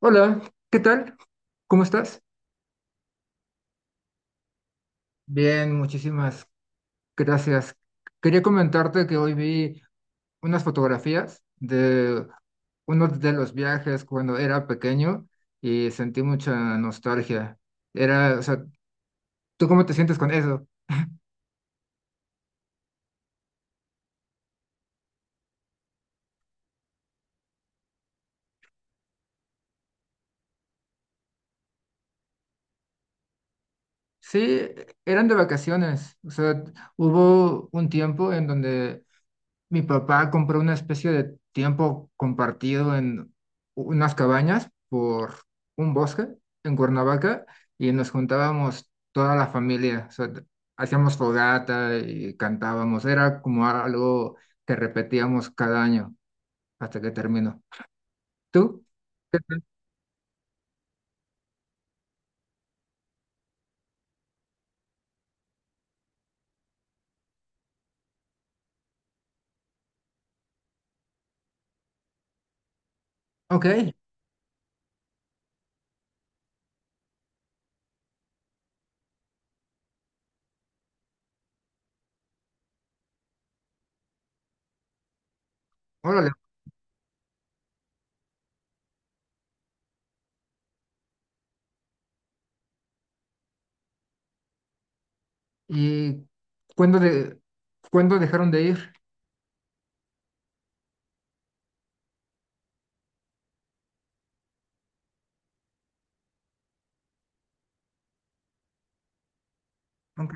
Hola, ¿qué tal? ¿Cómo estás? Bien, muchísimas gracias. Quería comentarte que hoy vi unas fotografías de uno de los viajes cuando era pequeño y sentí mucha nostalgia. Era, o sea, ¿tú cómo te sientes con eso? Sí, eran de vacaciones. O sea, hubo un tiempo en donde mi papá compró una especie de tiempo compartido en unas cabañas por un bosque en Cuernavaca y nos juntábamos toda la familia, o sea, hacíamos fogata y cantábamos, era como algo que repetíamos cada año hasta que terminó. ¿Tú? ¿Qué tal? Ok, órale. ¿Y cuándo, de, cuándo dejaron de ir? Ok,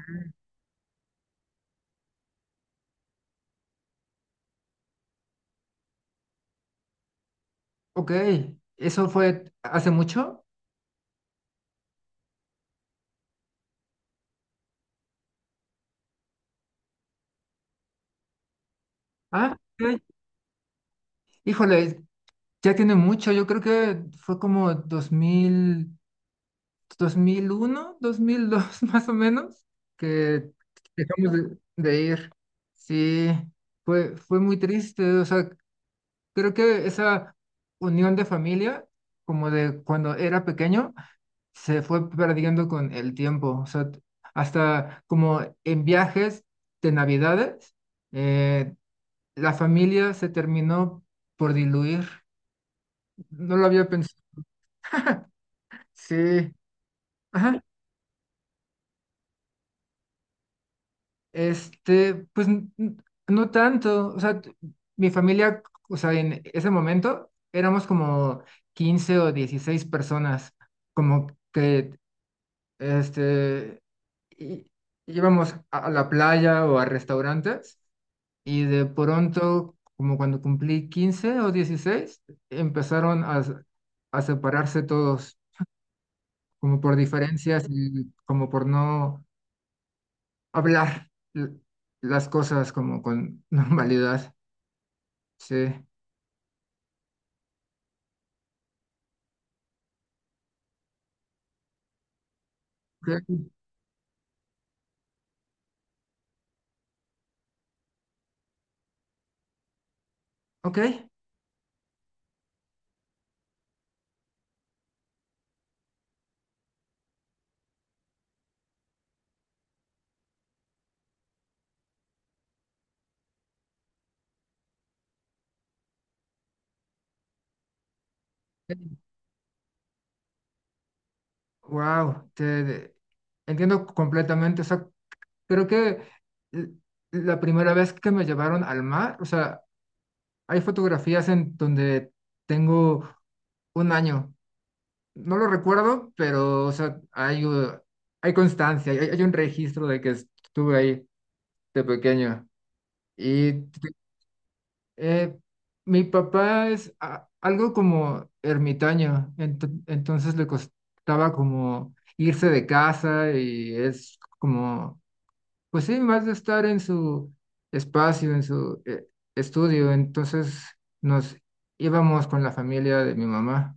ok, ¿eso fue hace mucho? Ah, ok. Híjole, ya tiene mucho, yo creo que fue como 2001, 2002 más o menos, que dejamos de ir. Sí, fue muy triste, o sea, creo que esa unión de familia, como de cuando era pequeño, se fue perdiendo con el tiempo, o sea, hasta como en viajes de Navidades, eh, la familia se terminó por diluir, no lo había pensado. Sí. Ajá, este, pues no tanto, o sea, mi familia, o sea, en ese momento éramos como 15 o 16 personas, como que, este, í- íbamos a la playa o a restaurantes y de pronto, como cuando cumplí 15 o 16 empezaron a separarse todos, como por diferencias y como por no hablar las cosas como con normalidad. Sí. Ok. Wow. Te entiendo completamente. O sea, creo que l- la primera vez que me llevaron al mar, o sea, hay fotografías en donde tengo 1 año. No lo recuerdo, pero, o sea, hay constancia, hay un registro de que estuve ahí de pequeño. Y Eh, mi papá es algo como ermitaño, entonces le costaba como irse de casa y es como, pues sí, más de estar en su espacio, en su estudio, entonces nos íbamos con la familia de mi mamá.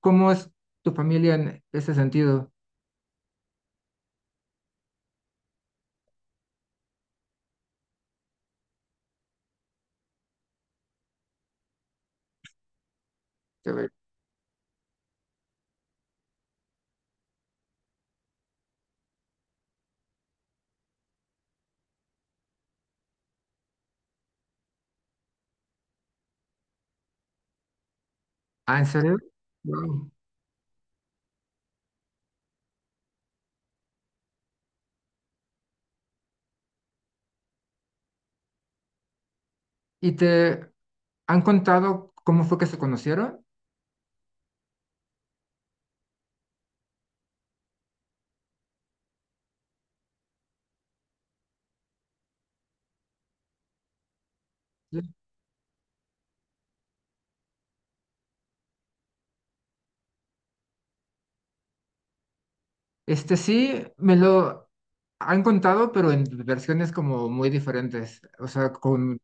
¿Cómo es tu familia en ese sentido? Te ve- Ah, ¿en serio? Wow. ¿Y te han contado cómo fue que se conocieron? Este sí, me lo han contado, pero en versiones como muy diferentes, o sea,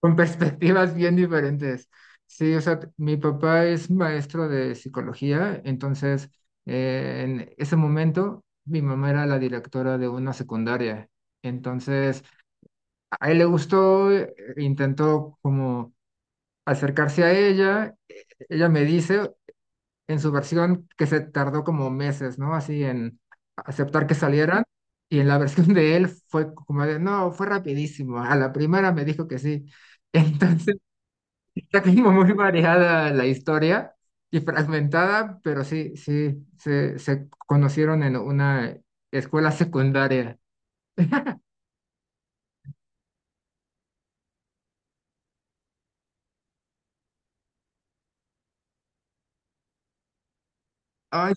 con perspectivas bien diferentes. Sí, o sea, mi papá es maestro de psicología, entonces en ese momento mi mamá era la directora de una secundaria. Entonces, a él le gustó, intentó como acercarse a ella, ella me dice, en su versión que se tardó como meses, ¿no? Así en aceptar que salieran. Y en la versión de él fue como de, no, fue rapidísimo. A la primera me dijo que sí. Entonces, está como muy variada la historia y fragmentada, pero sí, sí, se conocieron en una escuela secundaria. Ay,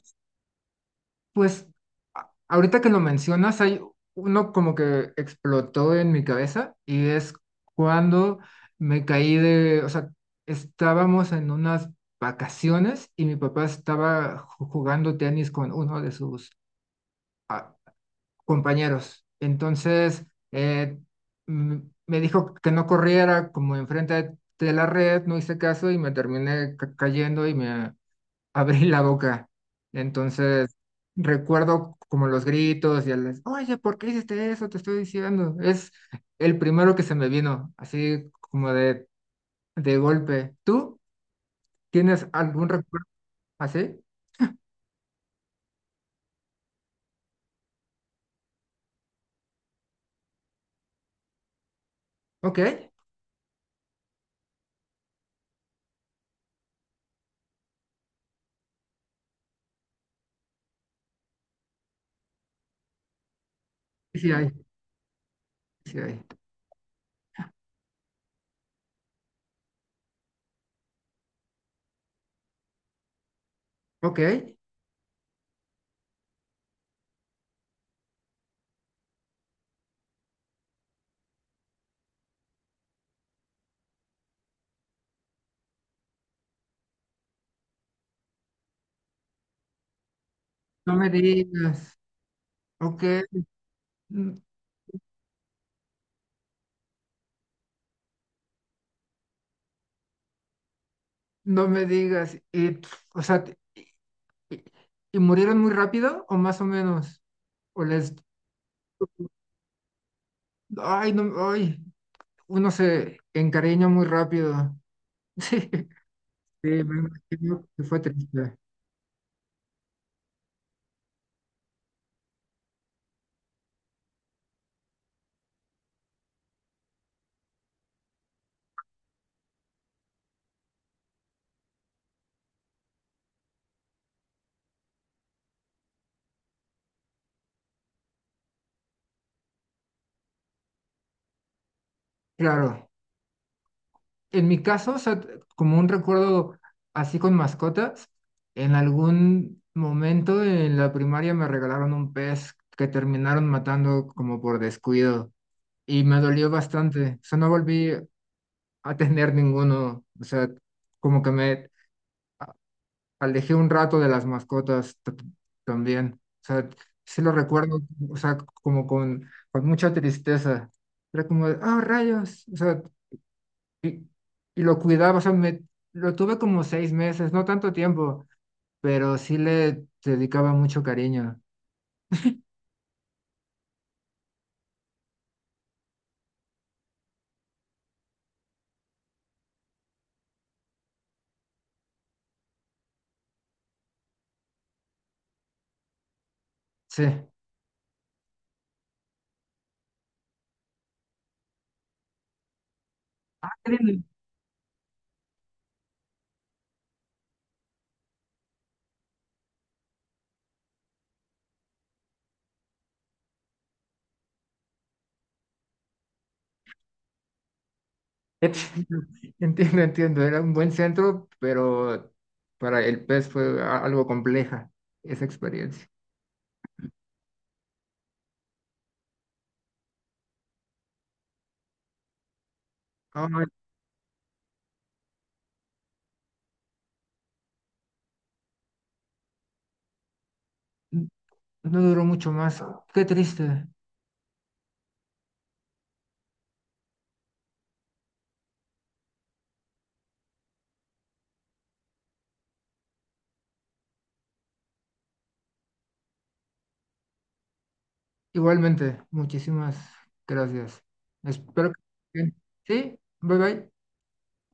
pues ahorita que lo mencionas, hay uno como que explotó en mi cabeza y es cuando me caí de, o sea, estábamos en unas vacaciones y mi papá estaba jugando tenis con uno de sus ah, compañeros. Entonces, eh, mm, me dijo que no corriera como enfrente de la red, no hice caso y me terminé cayendo y me abrí la boca. Entonces, recuerdo como los gritos y el, oye, ¿por qué hiciste eso? Te estoy diciendo. Es el primero que se me vino, así como de golpe. ¿Tú tienes algún recuerdo así? Ok, sí hay, sí hay. Ok, no me digas. Ok, n- no me digas. Y, pf, o sea, y, y murieron muy rápido o más o menos? O les, ay, no, ay, uno se encariña muy rápido. Sí, me imagino que fue triste. Claro, en mi caso, o sea, como un recuerdo así con mascotas, en algún momento en la primaria me regalaron un pez que terminaron matando como por descuido y me dolió bastante. O sea, no volví a tener ninguno. O sea, como que me alejé un rato de las mascotas también. O sea, sí lo recuerdo, o sea, como con mucha tristeza. Era como, de, ah, rayos. O sea, y, y lo cuidaba, o sea, lo tuve como 6 meses, no tanto tiempo, pero sí le dedicaba mucho cariño. Sí. Ah, créeme. Entiendo, entiendo, entiendo. Era un buen centro, pero para el pez fue algo compleja esa experiencia. Ay, n- no duró mucho más. Qué triste. Igualmente, muchísimas gracias. Espero que... Sí, bye bye.